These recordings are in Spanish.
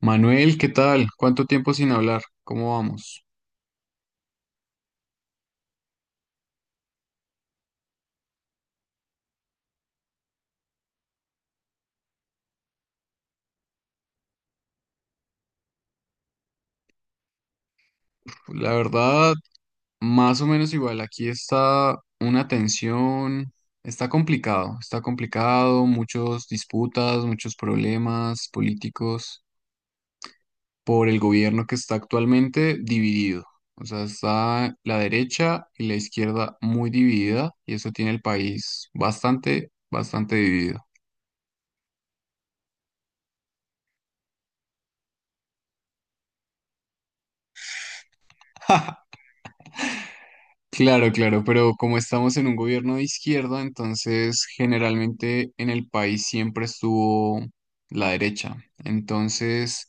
Manuel, ¿qué tal? ¿Cuánto tiempo sin hablar? ¿Cómo vamos? La verdad, más o menos igual. Aquí está una tensión, está complicado, muchos disputas, muchos problemas políticos por el gobierno que está actualmente dividido. O sea, está la derecha y la izquierda muy dividida y eso tiene el país bastante, bastante dividido. Claro, claro, pero como estamos en un gobierno de izquierda, entonces generalmente en el país siempre estuvo la derecha. Entonces,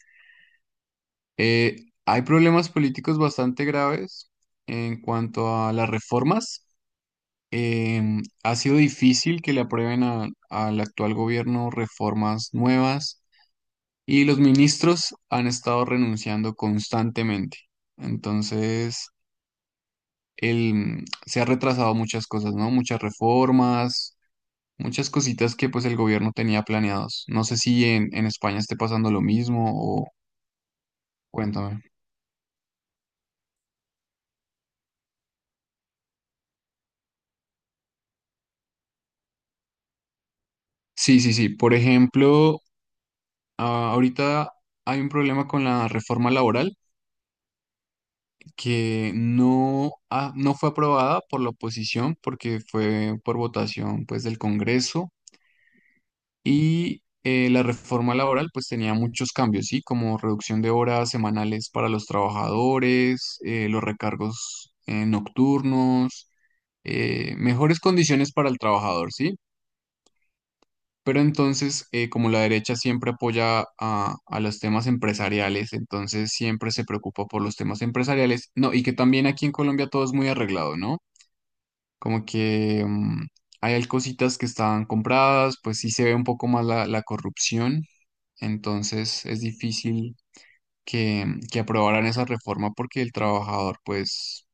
eh, hay problemas políticos bastante graves en cuanto a las reformas. Ha sido difícil que le aprueben al actual gobierno reformas nuevas y los ministros han estado renunciando constantemente. Entonces el, se ha retrasado muchas cosas, ¿no? Muchas reformas, muchas cositas que pues el gobierno tenía planeados. No sé si en España esté pasando lo mismo o cuéntame. Sí, sí, sí. Por ejemplo, ahorita hay un problema con la reforma laboral que no, no fue aprobada por la oposición porque fue por votación pues del Congreso. Y la reforma laboral pues tenía muchos cambios, ¿sí? Como reducción de horas semanales para los trabajadores, los recargos nocturnos, mejores condiciones para el trabajador, ¿sí? Pero entonces, como la derecha siempre apoya a los temas empresariales, entonces siempre se preocupa por los temas empresariales. No, y que también aquí en Colombia todo es muy arreglado, ¿no? Como que hay cositas que están compradas, pues sí se ve un poco más la corrupción, entonces es difícil que, que aprobaran esa reforma porque el trabajador, pues,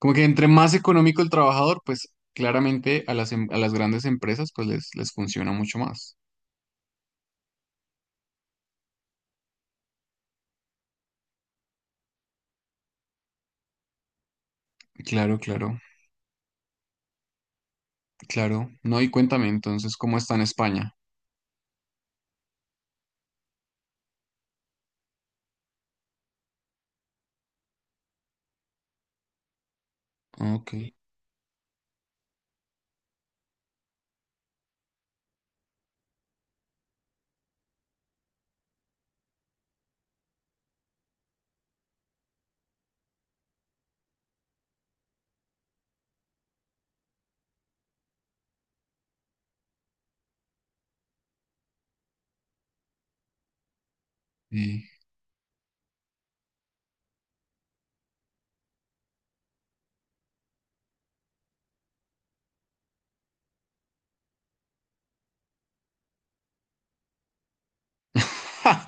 como que entre más económico el trabajador, pues claramente a las, a las grandes empresas, pues les funciona mucho más. Claro, claro, claro. No, y cuéntame entonces cómo está en España. Ok. Sí.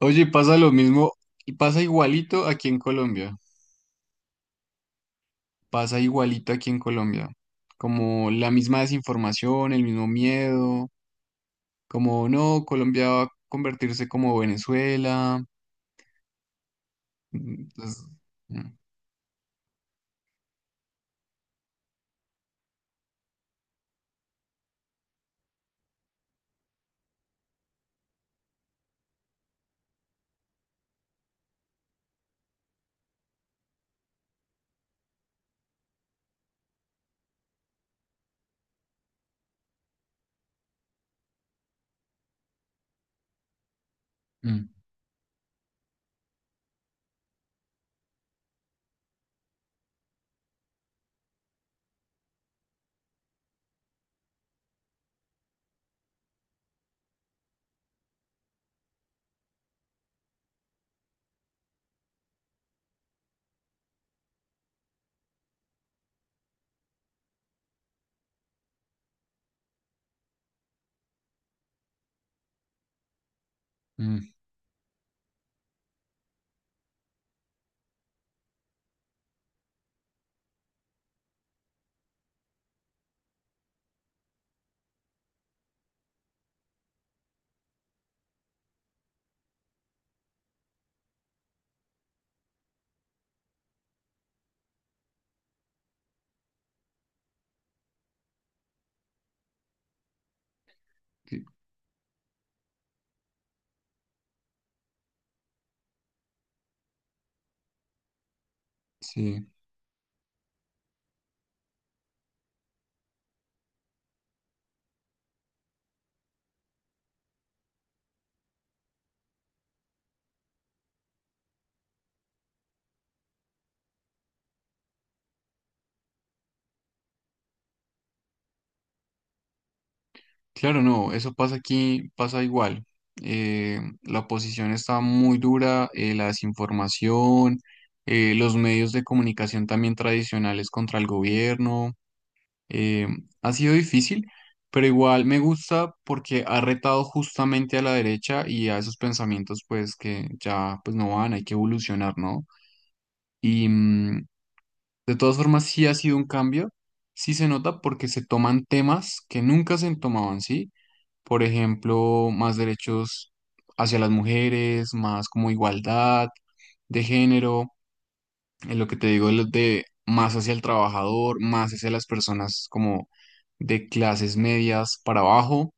Oye, pasa lo mismo, y pasa igualito aquí en Colombia, pasa igualito aquí en Colombia, como la misma desinformación, el mismo miedo, como no, Colombia va a convertirse como Venezuela. mm, entonces, mm, mm, mm, sí, sí. Claro, no, eso pasa aquí, pasa igual. La oposición está muy dura, la desinformación, los medios de comunicación también tradicionales contra el gobierno. eh, ha sido difícil, pero igual me gusta porque ha retado justamente a la derecha y a esos pensamientos pues que ya pues no van, hay que evolucionar, ¿no? Y de todas formas, sí ha sido un cambio, sí se nota porque se toman temas que nunca se tomaban, ¿sí? Por ejemplo, más derechos hacia las mujeres, más como igualdad de género, en lo que te digo, lo de más hacia el trabajador, más hacia las personas como de clases medias para abajo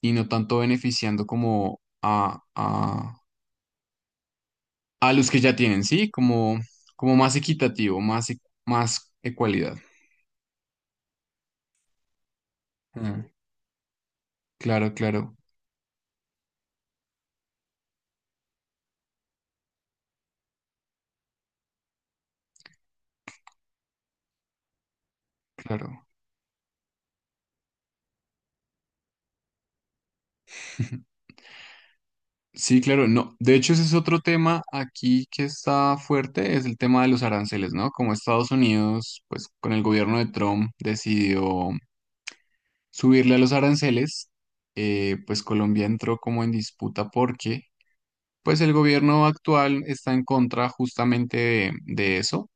y no tanto beneficiando como a los que ya tienen, ¿sí? Como, como más equitativo, más, más ecualidad. Ah, claro, claro, claro. Sí, claro, no. De hecho, ese es otro tema aquí que está fuerte, es el tema de los aranceles, ¿no? Como Estados Unidos, pues con el gobierno de Trump decidió subirle a los aranceles, pues Colombia entró como en disputa porque, pues el gobierno actual está en contra justamente de eso,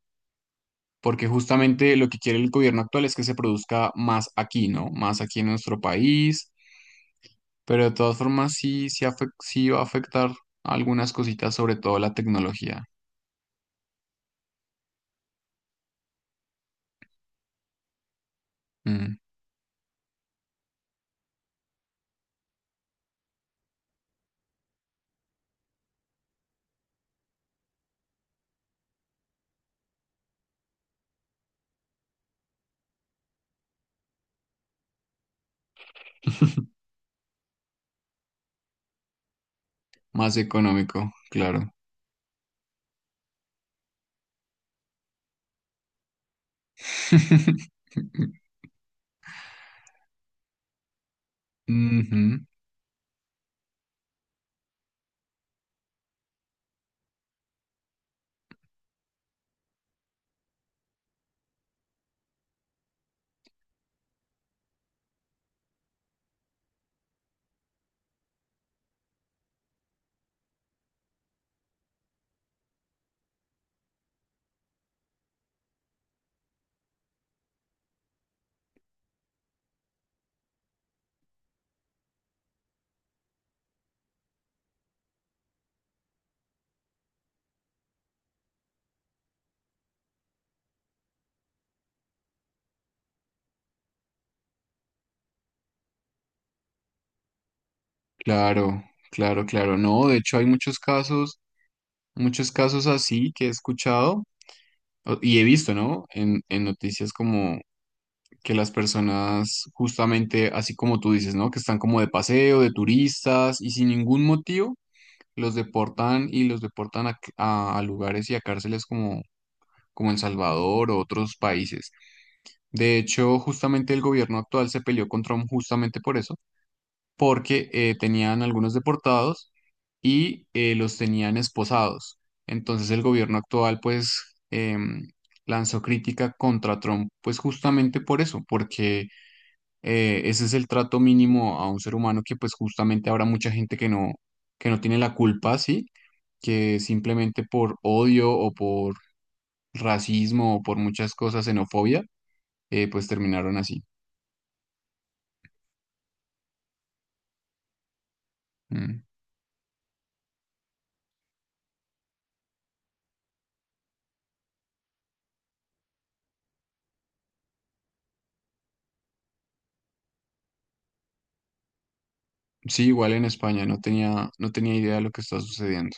porque justamente lo que quiere el gobierno actual es que se produzca más aquí, ¿no? Más aquí en nuestro país. Pero de todas formas sí, sí, sí va a afectar algunas cositas, sobre todo la tecnología. Mm, Más económico, claro. Ujú. Claro, claro, claro. No, de hecho hay muchos casos así que he escuchado y he visto, ¿no? En noticias como que las personas justamente, así como tú dices, ¿no? Que están como de paseo, de turistas y sin ningún motivo los deportan y los deportan a lugares y a cárceles como, como El Salvador o otros países. De hecho, justamente el gobierno actual se peleó con Trump justamente por eso, porque tenían algunos deportados y los tenían esposados. Entonces el gobierno actual pues lanzó crítica contra Trump pues justamente por eso, porque ese es el trato mínimo a un ser humano que pues justamente habrá mucha gente que no tiene la culpa, ¿sí? Que simplemente por odio o por racismo o por muchas cosas, xenofobia, pues terminaron así. Mm. Sí, igual en España, no tenía, no tenía idea de lo que está sucediendo.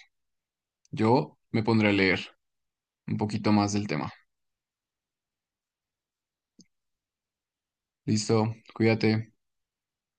Yo me pondré a leer un poquito más del tema. Listo, cuídate.